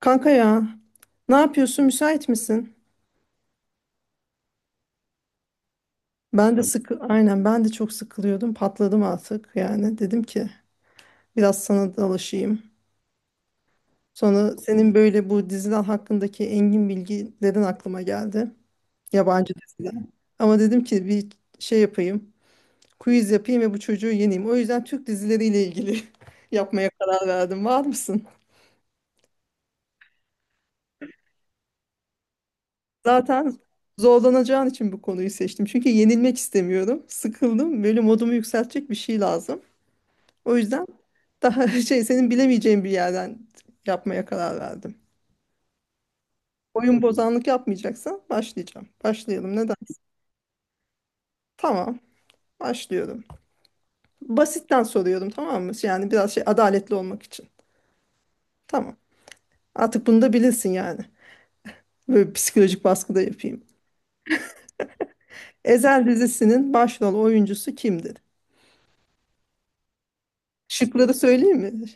Kanka ya, ne yapıyorsun? Müsait misin? Ben de ya, aynen ben de çok sıkılıyordum. Patladım artık yani. Dedim ki biraz sana dalaşayım. Sonra senin böyle bu diziler hakkındaki engin bilgilerin aklıma geldi. Yabancı diziler. Ama dedim ki bir şey yapayım. Quiz yapayım ve bu çocuğu yeneyim. O yüzden Türk dizileriyle ilgili yapmaya karar verdim. Var mısın? Zaten zorlanacağın için bu konuyu seçtim. Çünkü yenilmek istemiyorum. Sıkıldım. Böyle modumu yükseltecek bir şey lazım. O yüzden daha şey senin bilemeyeceğin bir yerden yapmaya karar verdim. Oyun bozanlık yapmayacaksan başlayacağım. Başlayalım. Neden? Tamam. Başlıyorum. Basitten soruyorum, tamam mı? Yani biraz şey adaletli olmak için. Tamam. Artık bunu da bilirsin yani. Böyle psikolojik baskı da yapayım. Ezel dizisinin başrol oyuncusu kimdir? Şıkları söyleyeyim mi?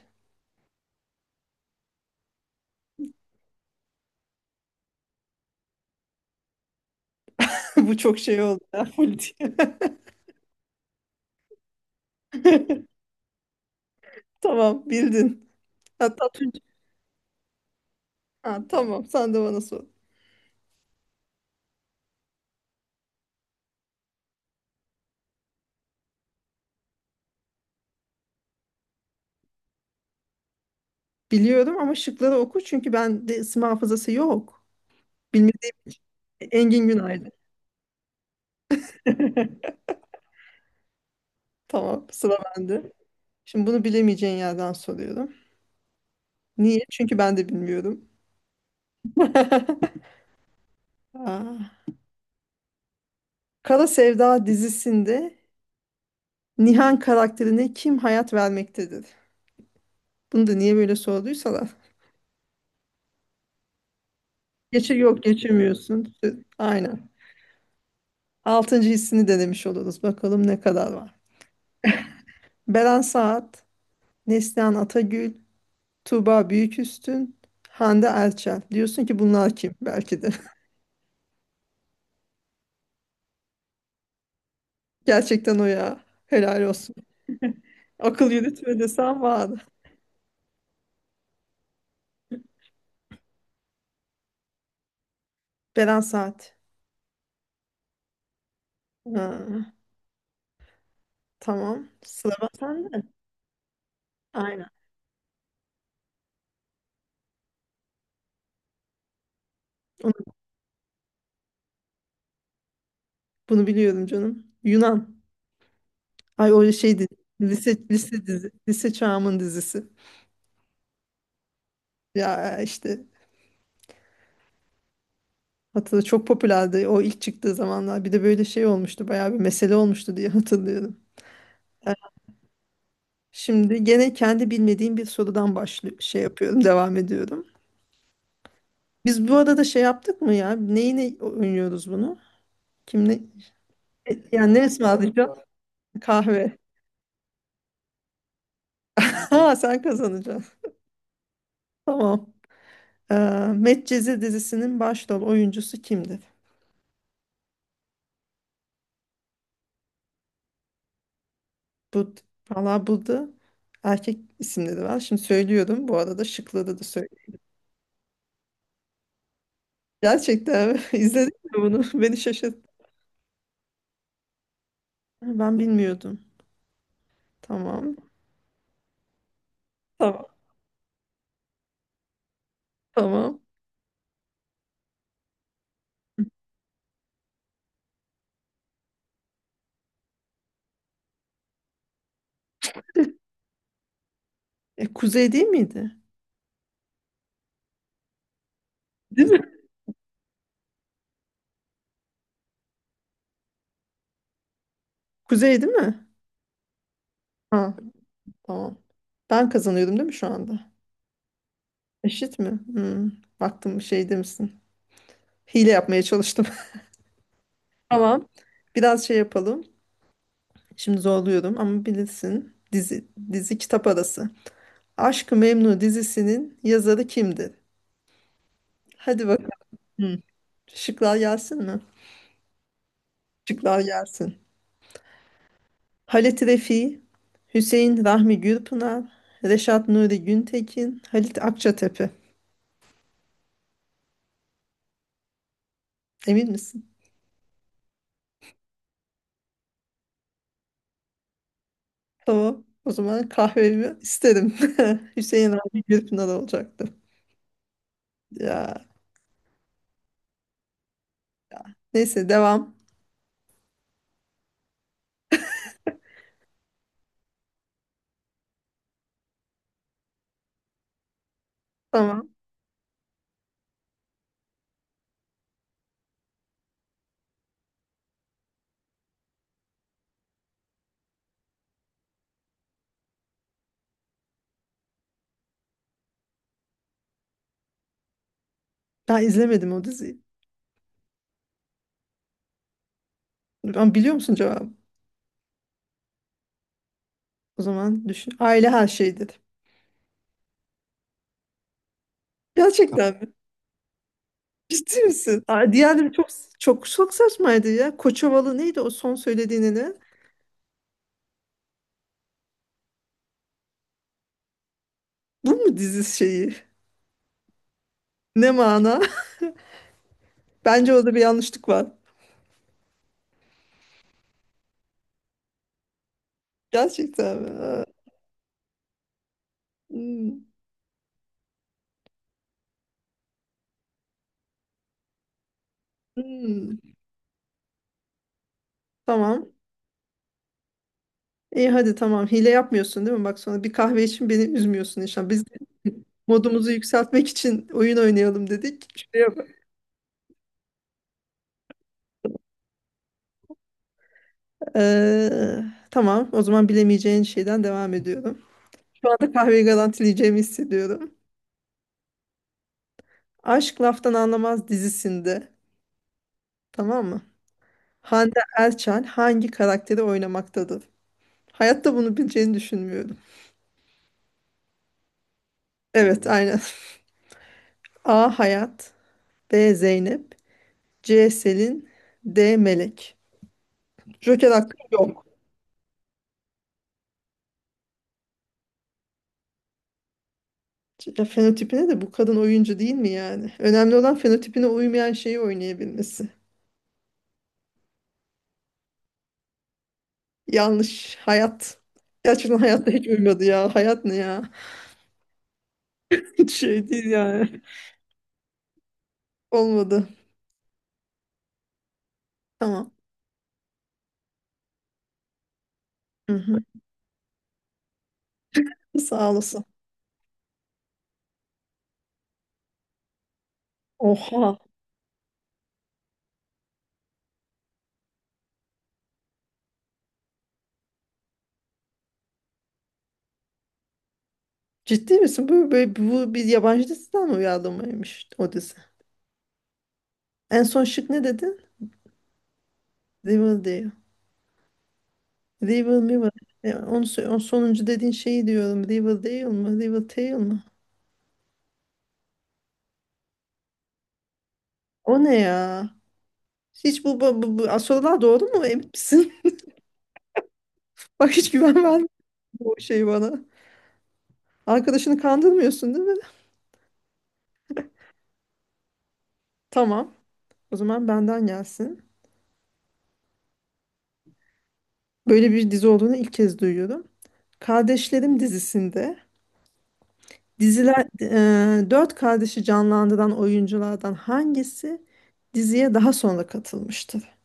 Bu çok şey oldu ya. Politik. Tamam, bildin. Hatta Tunç- ha, tamam, sen de bana sor. Biliyorum ama şıkları oku çünkü bende isim hafızası yok. Bilmediğim Engin Günaydın. Tamam, sıra bende. Şimdi bunu bilemeyeceğin yerden soruyorum. Niye? Çünkü ben de bilmiyorum. Aa, Kara Sevda dizisinde Nihan karakterine kim hayat vermektedir? Bunu da niye böyle sorduysalar. Geçir yok geçirmiyorsun. Aynen. Altıncı hissini denemiş oluruz. Bakalım ne kadar var. Beren Saat, Neslihan Atagül, Tuğba Büyüküstün, Hande Erçel. Diyorsun ki bunlar kim? Belki de. Gerçekten o ya. Helal olsun. Akıl yürütme desem vardı. Beren Saat. Ha, tamam. Sıra bak sende. Aynen. Onu, bunu biliyorum canım. Yunan. Ay o şeydi. Lise dizi. Lise çağımın dizisi. Ya işte hatırla, çok popülerdi o ilk çıktığı zamanlar. Bir de böyle şey olmuştu. Bayağı bir mesele olmuştu diye hatırlıyorum. Şimdi gene kendi bilmediğim bir sorudan şey yapıyorum, devam ediyorum. Biz bu arada şey yaptık mı ya? Neyine oynuyoruz bunu? Kim ne? E, yani ne ısmarlayacağım? Kahve. Ha, sen kazanacaksın. Tamam. Ee, Medcezir dizisinin başrol oyuncusu kimdir? Bu, Valla burada erkek isimleri var. Şimdi söylüyorum. Bu arada şıkları da söylüyorum. Gerçekten mi? izledin mi bunu? Beni şaşırttı. Ben bilmiyordum. Tamam. Tamam. Tamam. E, Kuzey değil miydi? Değil mi? Kuzey değil mi? Ha, tamam. Ben kazanıyordum değil mi şu anda? Eşit mi? Hmm. Baktım şey demişsin. Hile yapmaya çalıştım. Tamam. Biraz şey yapalım. Şimdi zorluyorum ama bilirsin. Dizi kitap arası. Aşk-ı Memnu dizisinin yazarı kimdir? Hadi bakalım. Hmm. Şıklar gelsin mi? Şıklar gelsin. Halit Refi, Hüseyin Rahmi Gürpınar, Reşat Nuri Güntekin, Halit Akçatepe. Emin misin? Tamam. O zaman kahvemi isterim. Hüseyin Rahmi Gürpınar olacaktı. Ya. Neyse devam. Tamam. Ben izlemedim o diziyi. Ama biliyor musun cevabı? O zaman düşün. Aile her şeydir. Tamam. Gerçekten mi? Ciddi misin? Aa, diğerleri çok çok çok saçmaydı ya. Koçovalı neydi o son söylediğini ne? Bu mu dizi şeyi? Ne mana? Bence orada bir yanlışlık var. Gerçekten mi? Aa. Hmm. Hmm. Tamam. İyi hadi tamam. Hile yapmıyorsun değil mi? Bak, sonra bir kahve için beni üzmüyorsun inşallah. Biz modumuzu yükseltmek için oyun oynayalım dedik. Ee, tamam, o zaman bilemeyeceğin şeyden devam ediyorum. Şu anda kahveyi garantileyeceğimi hissediyorum. Aşk Laftan Anlamaz dizisinde, tamam mı? Hande Erçel hangi karakteri oynamaktadır? Hayatta bunu bileceğini düşünmüyorum. Evet, aynen. A. Hayat, B. Zeynep, C. Selin, D. Melek. Joker hakkı yok. Ya fenotipine de bu kadın oyuncu değil mi yani? Önemli olan fenotipine uymayan şeyi oynayabilmesi. Yanlış. Hayat. Gerçekten hayatta hiç uymadı ya. Hayat ne ya? Hiç şey değil yani. Olmadı. Tamam. Hı hı. Sağ olasın. Oha. Ciddi misin? Bu bir yabancı diziden mi uyarlamaymış o dizi? En son şık ne dedin? Riverdale. Riverdale. E, o sonuncu dediğin şeyi diyorum. Riverdale mı? Riverdale mı? O ne ya? Hiç bu sorular doğru mu? Emin misin? Bak, hiç güven vermiyor bu şey bana. Arkadaşını kandırmıyorsun değil mi? Tamam. O zaman benden gelsin. Böyle bir dizi olduğunu ilk kez duyuyorum. Kardeşlerim dizisinde dört kardeşi canlandıran oyunculardan hangisi diziye daha sonra katılmıştır?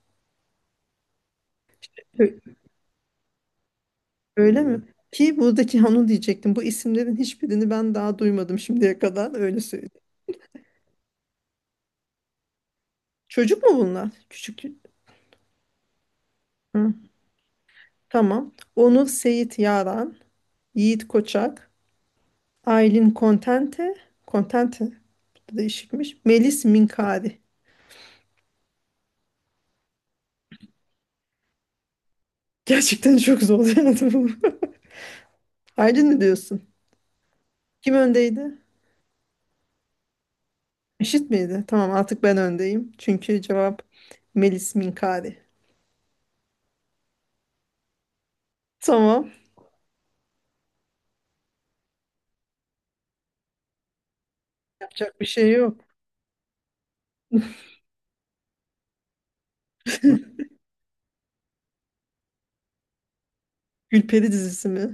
Ö- Öyle mi? Ki buradaki onu diyecektim. Bu isimlerin hiçbirini ben daha duymadım şimdiye kadar. Öyle söyleyeyim. Çocuk mu bunlar? Küçük. Hı, tamam. Onur Seyit Yaran, Yiğit Koçak, Aylin Contente, Contente bu da değişikmiş. Melis Minkari. Gerçekten çok zorlayandı bu. Aydın ne diyorsun? Kim öndeydi? Eşit miydi? Tamam, artık ben öndeyim. Çünkü cevap Melis Minkari. Tamam. Yapacak bir şey yok. Gülperi dizisi mi?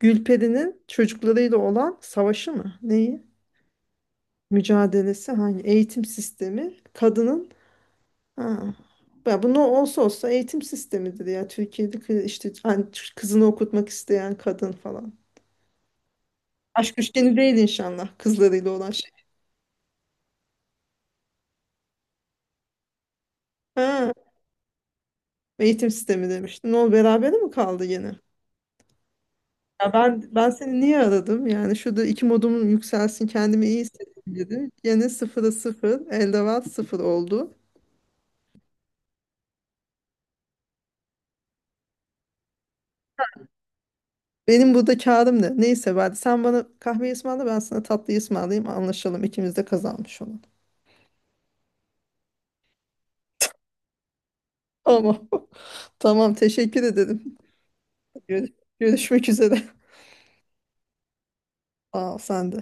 Gülperi'nin çocuklarıyla olan savaşı mı? Neyi? Mücadelesi hangi? Eğitim sistemi. Ha. Ya bu ne olsa olsa eğitim sistemidir ya. Türkiye'de işte hani kızını okutmak isteyen kadın falan. Aşk üçgeni değil inşallah kızlarıyla olan şey. Ha. Eğitim sistemi demiştin. Ne oldu, berabere mi kaldı gene? Ya ben seni niye aradım? Yani şurada iki modum yükselsin, kendimi iyi hissedeyim dedim. Gene sıfıra sıfır, elde var sıfır oldu. Benim burada kârım ne? Neyse sen bana kahve ısmarla, ben sana tatlı ısmarlayayım, anlaşalım, ikimiz de kazanmış olalım. Tamam. Tamam, teşekkür ederim. Gör- Görüşmek üzere. Aa, sen de.